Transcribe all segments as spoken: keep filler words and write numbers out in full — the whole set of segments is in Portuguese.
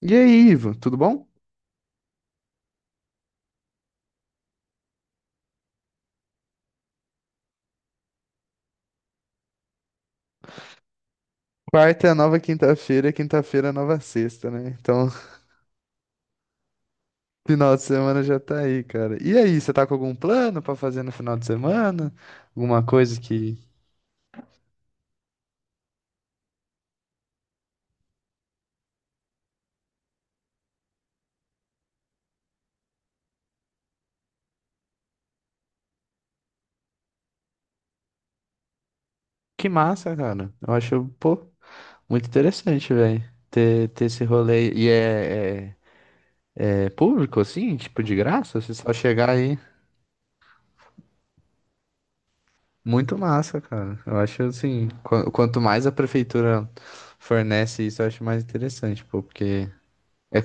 E aí, Ivo, tudo bom? Quarta é a nova quinta-feira, quinta-feira é a nova sexta, né? Então, final de semana já tá aí, cara. E aí, você tá com algum plano pra fazer no final de semana? Alguma coisa que. Que massa, cara. Eu acho, pô, muito interessante, velho. Ter, ter esse rolê. E é, é, é público, assim? Tipo, de graça? Você só chegar aí. Muito massa, cara. Eu acho, assim, qu- quanto mais a prefeitura fornece isso, eu acho mais interessante, pô, porque. É.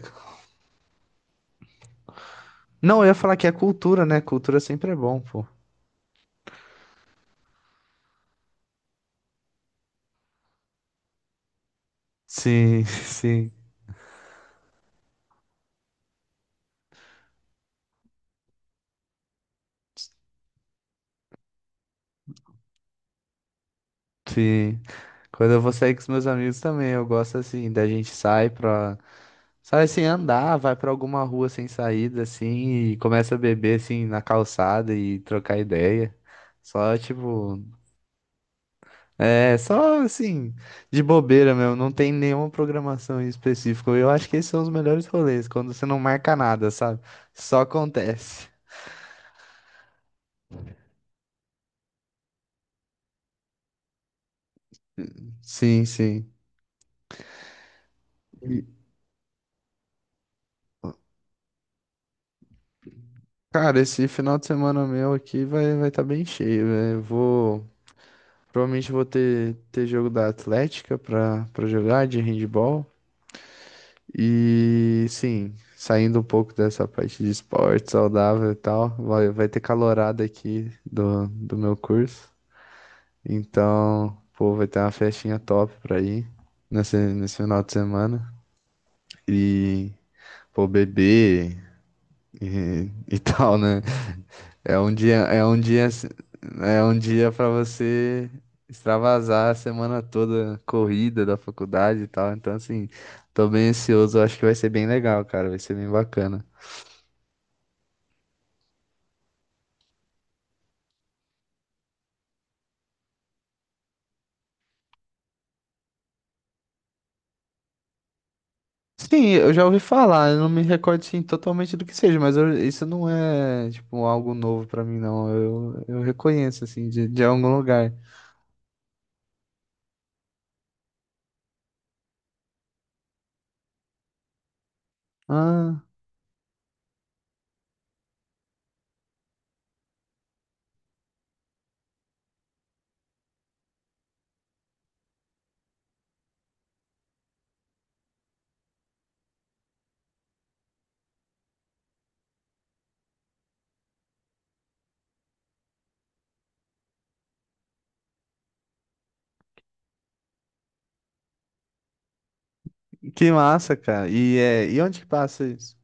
Não, eu ia falar que é cultura, né? Cultura sempre é bom, pô. Sim, sim, sim. Quando eu vou sair com os meus amigos também, eu gosto assim, da gente sai pra. Sai assim, andar, vai pra alguma rua sem saída, assim, e começa a beber, assim, na calçada e trocar ideia. Só, tipo. É, só assim, de bobeira mesmo, não tem nenhuma programação em específico. Eu acho que esses são os melhores rolês, quando você não marca nada, sabe? Só acontece. Sim, sim. Cara, esse final de semana meu aqui vai vai estar bem cheio, velho. Eu vou provavelmente vou ter ter jogo da Atlética pra para jogar de handball e sim, saindo um pouco dessa parte de esporte saudável e tal, vai vai ter calorada aqui do do meu curso. Então, pô, vai ter uma festinha top pra ir nesse nesse final de semana e pô, beber e, e tal, né? É um dia, é um dia, assim- é um dia para você extravasar a semana toda corrida da faculdade e tal. Então, assim, tô bem ansioso. Acho que vai ser bem legal, cara. Vai ser bem bacana. Sim, eu já ouvi falar. Eu não me recordo, sim, totalmente do que seja, mas eu- isso não é, tipo, algo novo pra mim, não. Eu, eu reconheço, assim, de, de algum lugar. Ah, que massa, cara. E, é, e onde que passa isso?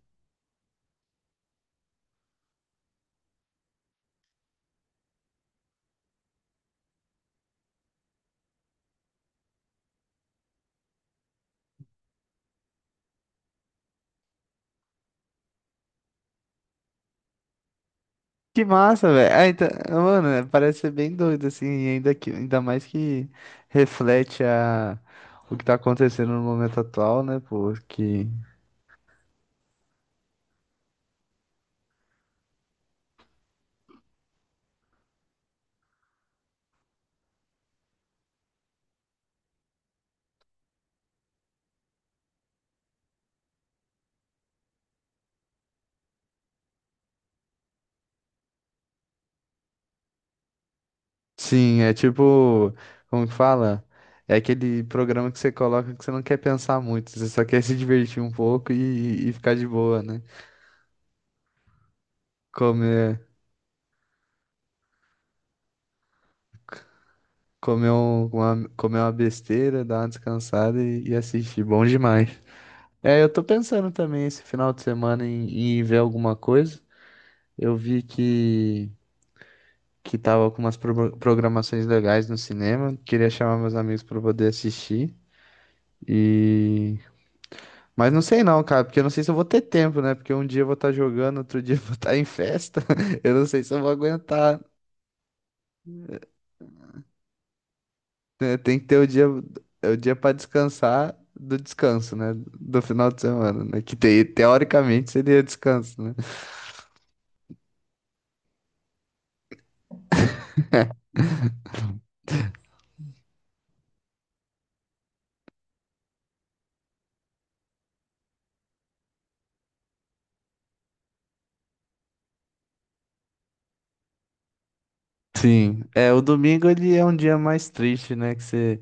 Que massa, velho. Ah, então, mano, é, parece ser bem doido, assim, e ainda, que, ainda mais que reflete a, o que tá acontecendo no momento atual, né, pô? Que, sim, é tipo, como que fala? É aquele programa que você coloca que você não quer pensar muito, você só quer se divertir um pouco e, e ficar de boa, né? Comer, comer, um- uma, comer uma besteira, dar uma descansada e, e assistir. Bom demais. É, eu tô pensando também esse final de semana em em ver alguma coisa. Eu vi que, que tava com umas pro- programações legais no cinema. Queria chamar meus amigos pra poder assistir. E. Mas não sei não, cara, porque eu não sei se eu vou ter tempo, né? Porque um dia eu vou estar jogando, outro dia eu vou estar em festa. Eu não sei se eu vou aguentar. Né? Tem que ter o dia, o dia para descansar do descanso, né? Do final de semana, né? Que te- teoricamente seria descanso, né? Sim, é, o domingo ele é um dia mais triste, né? Que você,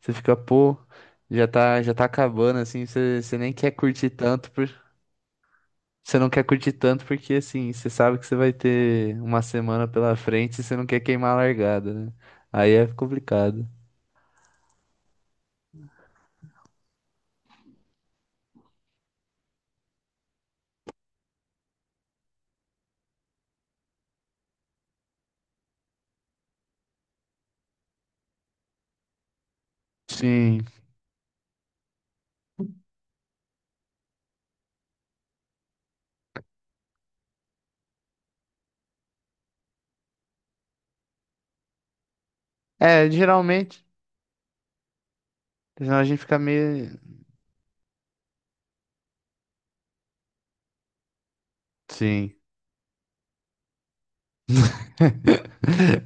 você fica, pô, já tá, já tá acabando, assim, você, você nem quer curtir tanto, por, você não quer curtir tanto porque, assim, você sabe que você vai ter uma semana pela frente e você não quer queimar a largada, né? Aí é complicado. Sim, é, geralmente, senão a gente fica meio... Sim.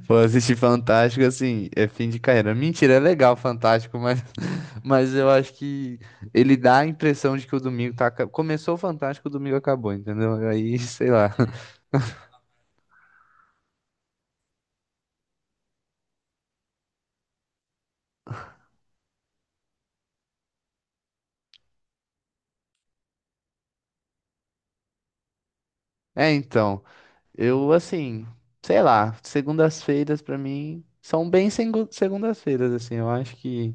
Pô, assistir Fantástico, assim, é fim de carreira. Mentira, é legal Fantástico, mas, mas eu acho que ele dá a impressão de que o domingo tá. aca- Começou o Fantástico, o domingo acabou, entendeu? Aí, sei lá. É, então, eu, assim, sei lá, segundas-feiras pra mim são bem segu- segundas-feiras, assim, eu acho que.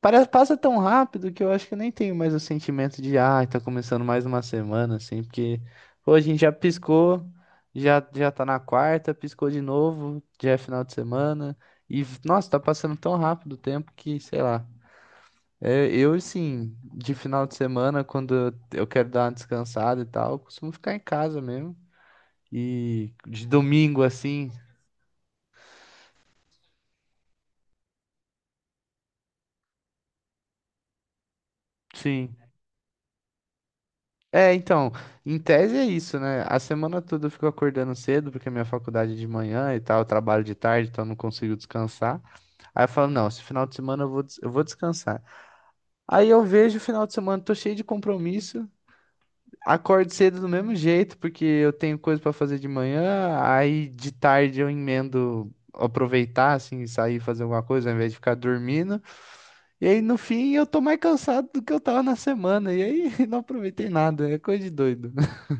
Parece, passa tão rápido que eu acho que eu nem tenho mais o sentimento de, ah, tá começando mais uma semana, assim, porque pô, a gente já piscou, já, já tá na quarta, piscou de novo, já é final de semana, e, nossa, tá passando tão rápido o tempo que, sei lá. É, eu, assim, de final de semana, quando eu eu quero dar uma descansada e tal, eu costumo ficar em casa mesmo. E de domingo, assim, sim. É, então, em tese é isso, né? A semana toda eu fico acordando cedo, porque a minha faculdade é de manhã e tal, eu trabalho de tarde, então eu não consigo descansar. Aí eu falo, não, esse final de semana eu vou, des- eu vou descansar. Aí eu vejo o final de semana, tô cheio de compromisso, acordo cedo do mesmo jeito, porque eu tenho coisa pra fazer de manhã, aí de tarde eu emendo aproveitar, assim, sair e fazer alguma coisa, ao invés de ficar dormindo. E aí no fim eu tô mais cansado do que eu tava na semana, e aí não aproveitei nada, é coisa de doido.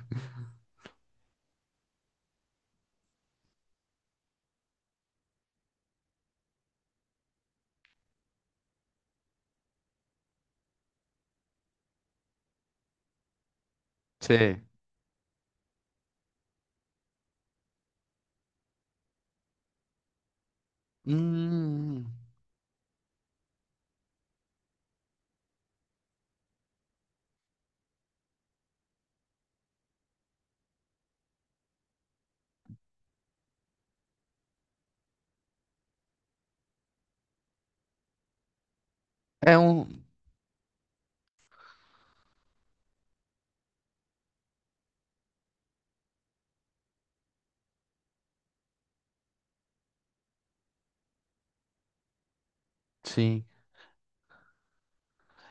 Sim. Hum, é um, sim,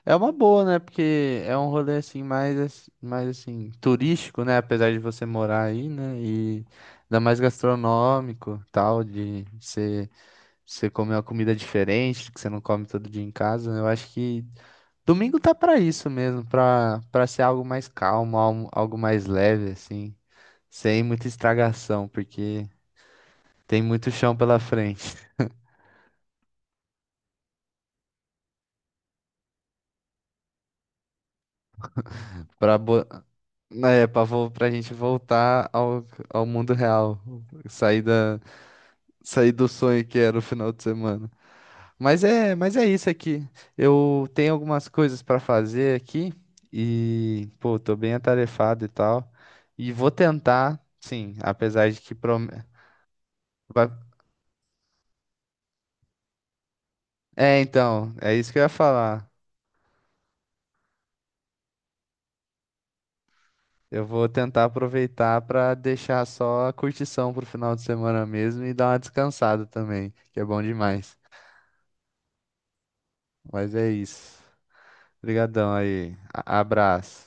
é uma boa, né? Porque é um rolê assim mais, ass- mais assim turístico, né? Apesar de você morar aí, né? E ainda mais gastronômico, tal, de você você comer uma comida diferente que você não come todo dia em casa. Né? Eu acho que domingo tá pra isso mesmo, pra para ser algo mais calmo, algo algo mais leve, assim, sem muita estragação, porque tem muito chão pela frente. Pra, bo... é, pra, vo... pra gente voltar ao, ao mundo real. Sair da... Sair do sonho que era o final de semana. Mas é, mas é isso aqui. Eu tenho algumas coisas para fazer aqui e, pô, tô bem atarefado e tal. E vou tentar, sim, apesar de que prom... vai- É, então, é isso que eu ia falar. Eu vou tentar aproveitar para deixar só a curtição pro final de semana mesmo e dar uma descansada também, que é bom demais. Mas é isso. Obrigadão aí. A- Abraço.